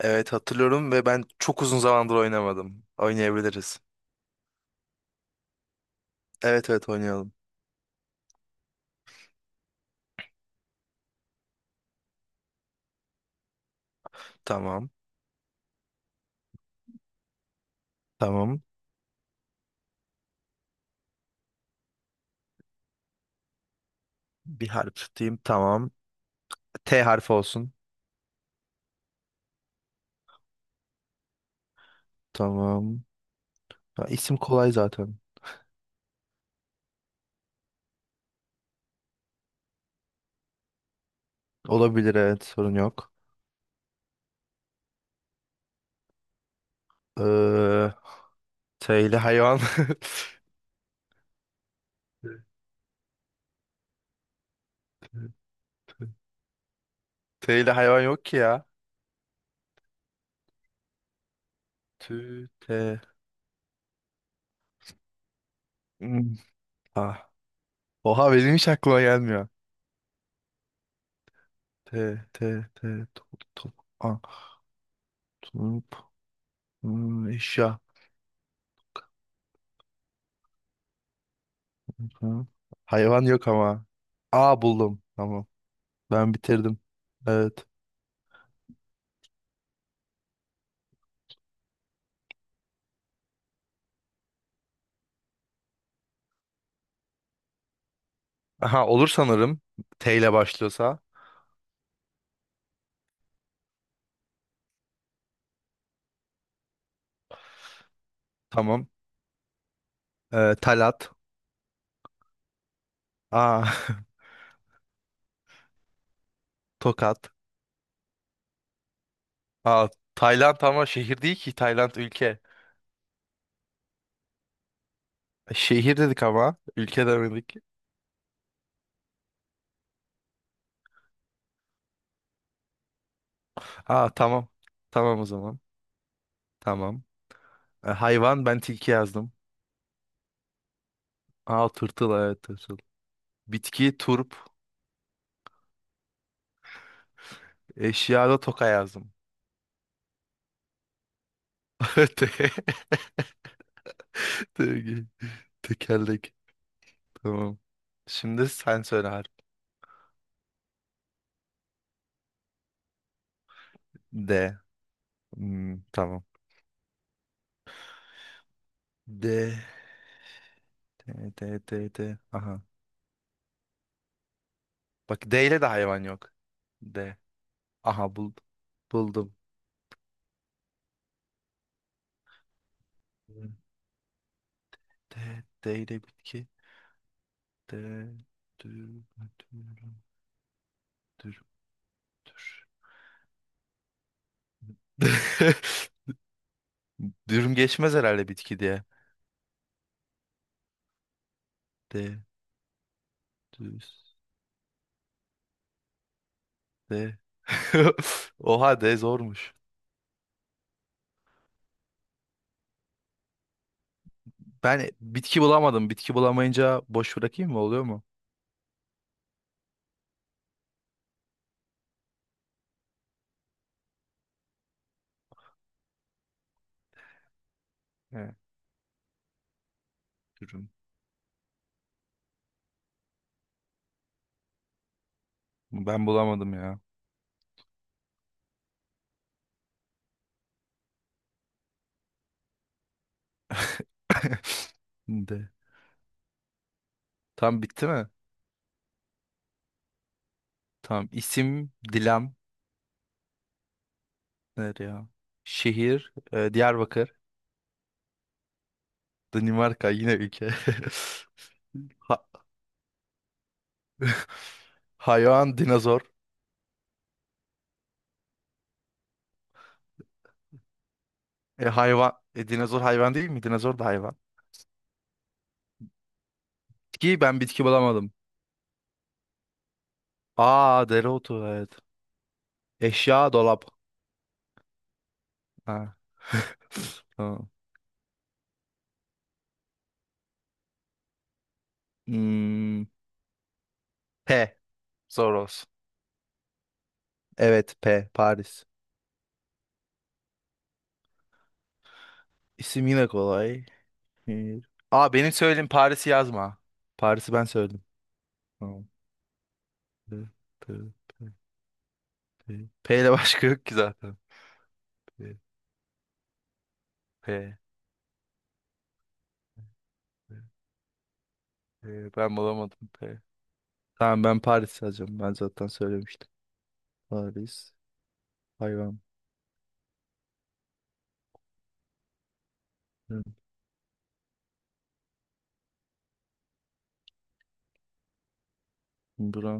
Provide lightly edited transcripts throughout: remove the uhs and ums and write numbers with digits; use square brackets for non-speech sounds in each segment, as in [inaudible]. Evet hatırlıyorum ve ben çok uzun zamandır oynamadım. Oynayabiliriz. Evet, evet, oynayalım. Tamam. Tamam. Bir harf tutayım. Tamam. T harfi olsun. Tamam. Ha, isim kolay zaten. Olabilir, evet, sorun yok. Ee, T ile hayvan. [laughs] T T ile hayvan yok ki ya. T. Hmm. Ah. Oha benim hiç aklıma gelmiyor. T, T, T, top, top, ah, top, eşya. Ha. Hayvan yok ama. Aa, buldum. Tamam. Ben bitirdim. Evet. Aha, olur sanırım. T ile başlıyorsa. Tamam. Talat. Aa, [laughs] Tokat. Aa, Tayland ama şehir değil ki. Tayland ülke. Şehir dedik ama. Ülke demedik. Aa, tamam. Tamam o zaman. Tamam. Hayvan ben tilki yazdım. Aa, tırtıl, evet, tırtıl. Bitki turp. Eşyada toka yazdım. [laughs] Te- te- Tekerlek. Tamam. Şimdi sen söyle harf. D. Tamam. D. D. D. D. D. Aha. Bak, D ile de hayvan yok. D. Aha, buldum. Hmm. D. D ile bitki. D. Dür. Dür. Dür. Dür. [laughs] Dürüm geçmez herhalde bitki diye. D. Düz. D. [laughs] Oha, D zormuş. Ben bitki bulamadım. Bitki bulamayınca boş bırakayım mı? Oluyor mu? He, durum. Ben bulamadım ya. [laughs] De. Tam bitti mi? Tamam. İsim Dilan. Nerede ya? Şehir, Diyarbakır. Danimarka yine ülke. [laughs] Ha- hayvan dinozor. Hayvan dinozor hayvan değil mi? Dinozor da hayvan. Bitki, ben bitki bulamadım. Aa, dereotu, evet. Eşya dolap. Ha. [laughs] Tamam. Hmm, P. Zor olsun. Evet, P, Paris. İsim yine kolay. Bir- Aa, benim söylediğim Paris'i yazma. Paris'i ben söyledim. Tamam. P, P, P, P. P ile başka yok ki zaten. P, P, P. P. Ben bulamadım P. Tamam, ben Paris yazacağım. Ben zaten söylemiştim. Paris. Hayvan. Hı. Bura.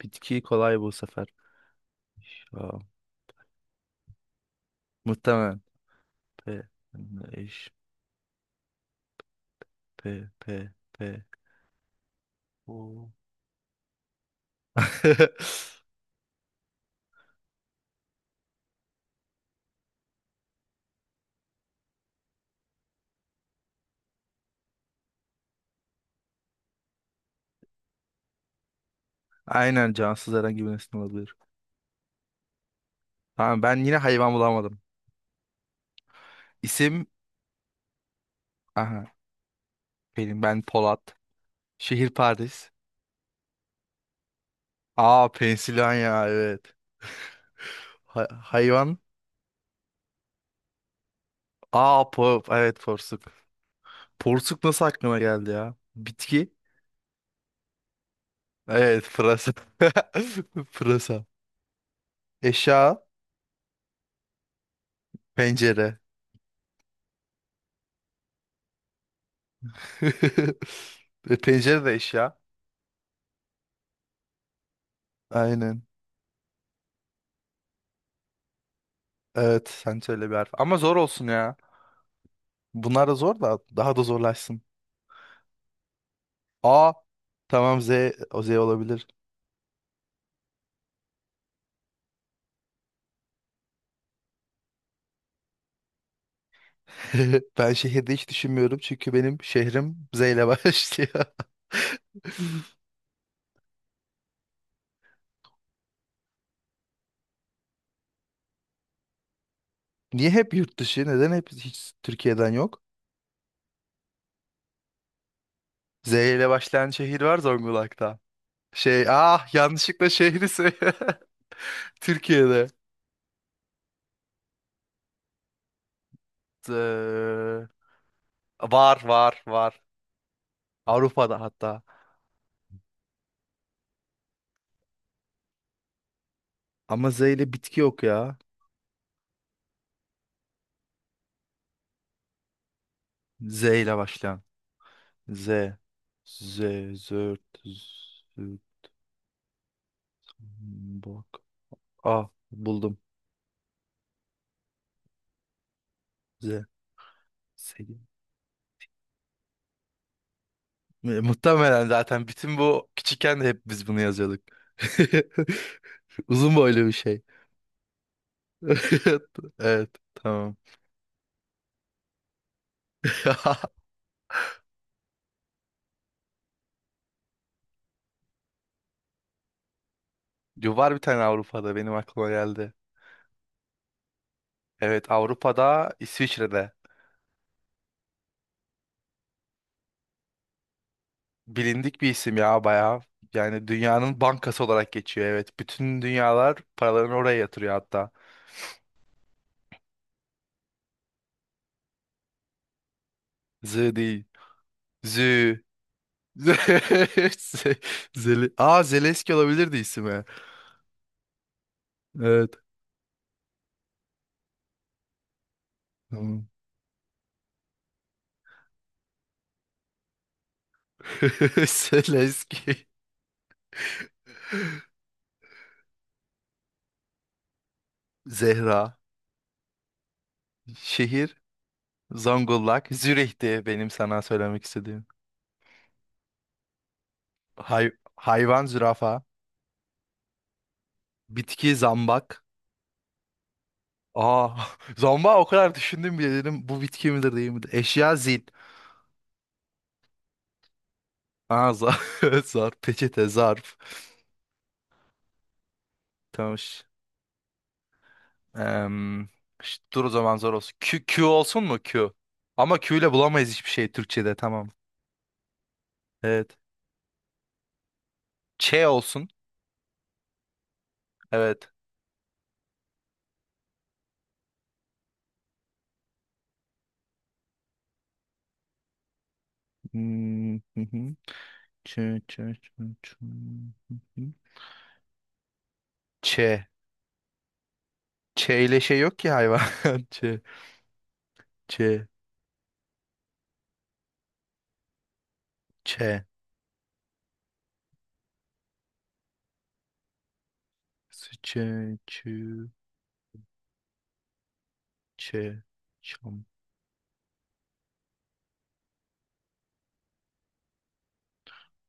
Bitki kolay bu sefer. Ya, muhtemelen. P. Eş. P. P. P. O. [laughs] Aynen, cansız herhangi bir nesne olabilir. Tamam, ben yine hayvan bulamadım. İsim, aha benim, ben Polat. Şehir Paris. Aa, Pensilvanya, evet. Hayvan. Aa, evet, porsuk. Porsuk nasıl aklıma geldi ya? Bitki. Evet, pırasa. [laughs] Pırasa. Eşya pencere. [laughs] Pencere de eşya. Aynen. Evet, sen söyle bir harf. Ama zor olsun ya. Bunlar da zor, da daha da zorlaşsın. A, tamam, Z, o Z olabilir. [laughs] Ben şehirde hiç düşünmüyorum çünkü benim şehrim Z ile başlıyor. [laughs] Niye hep yurt dışı? Neden hep hiç Türkiye'den yok? Z ile başlayan şehir var Zonguldak'ta. Şey, ah, yanlışlıkla şehri söyle. [laughs] Türkiye'de. Z- Var, var, var. Avrupa'da hatta. Ama Z ile bitki yok ya. Z ile başlayan. Z. Z. Zört. Bak. Ah, buldum. Z. Z. Muhtemelen zaten, bütün bu küçükken de hep biz bunu yazıyorduk. [laughs] Uzun boylu bir şey. [laughs] Evet, tamam. [laughs] Yo, var bir tane Avrupa'da, benim aklıma geldi. Evet, Avrupa'da, İsviçre'de. Bilindik bir isim ya bayağı. Yani dünyanın bankası olarak geçiyor, evet. Bütün dünyalar paralarını oraya yatırıyor hatta. Z değil. Zü. [laughs] Z- Zeli. Aa, Zelenski olabilirdi ismi. Evet. Tamam. [laughs] Zelenski. Zehra, şehir, Zonguldak, Zürih'ti benim sana söylemek istediğim. Hay hayvan zürafa, bitki zambak. Aa, [laughs] zambak, o kadar düşündüm bile, dedim bu bitki midir değil midir? Eşya zil. Aa, [laughs] zarf, peçete, zarf. Tamam. Em, dur o zaman, zor olsun. Q, Q olsun mu, Q? Ama Q ile bulamayız hiçbir şey Türkçe'de, tamam. Evet. Ç olsun. Evet. Hmm, hı hı. Ç, ç, ç, ç. Ç. Ç ile şey yok ki, hayvan. [laughs] Ç. Ç. Ç. Ç. Ç. Ç. Çam.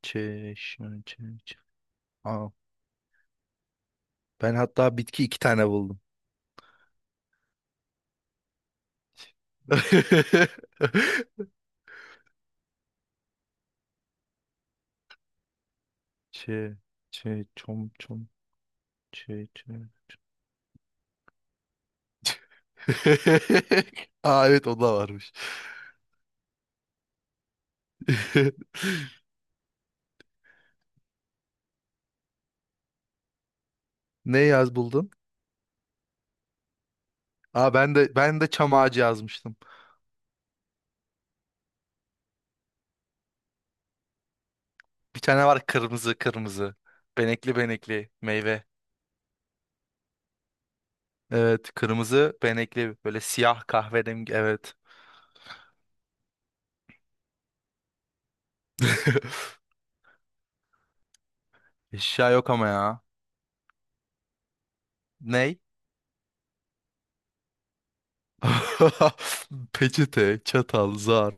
Ç. Ş. Ç. Ç. Aa, ben hatta bitki iki tane buldum. [laughs] Ç. Ç. Çom. Çom. Ç. Ç. [laughs] Aa, evet, o da varmış. [laughs] Ne yaz buldun? Aa, ben de çam ağacı yazmıştım. Bir tane var kırmızı kırmızı. Benekli benekli meyve. Evet, kırmızı benekli, böyle siyah, kahverengi, evet. [laughs] Eşya yok ama ya. Ney? [laughs] Peçete, çatal, zarf.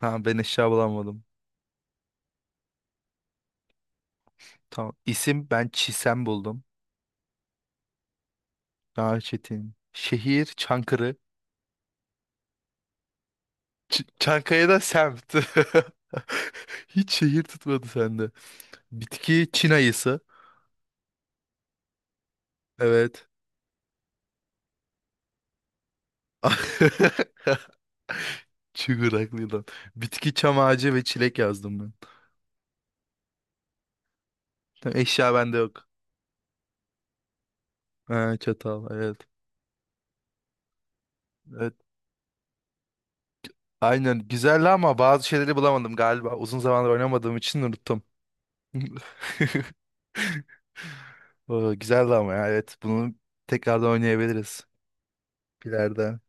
Ha, ben eşya bulamadım. Tamam. İsim, ben Çisem buldum. Daha çetin. Şehir Çankırı. Çankaya'da semt. [laughs] Hiç şehir tutmadı sende. Bitki Çin ayısı. Evet. [laughs] Çıngıraklı yılan. Bitki çam ağacı ve çilek yazdım ben. Tamam, eşya bende yok. Ha, çatal, evet. Evet. Aynen, güzel, ama bazı şeyleri bulamadım galiba. Uzun zamandır oynamadığım için unuttum. [laughs] Oo, güzeldi ama ya, evet. Bunu tekrardan oynayabiliriz ileride.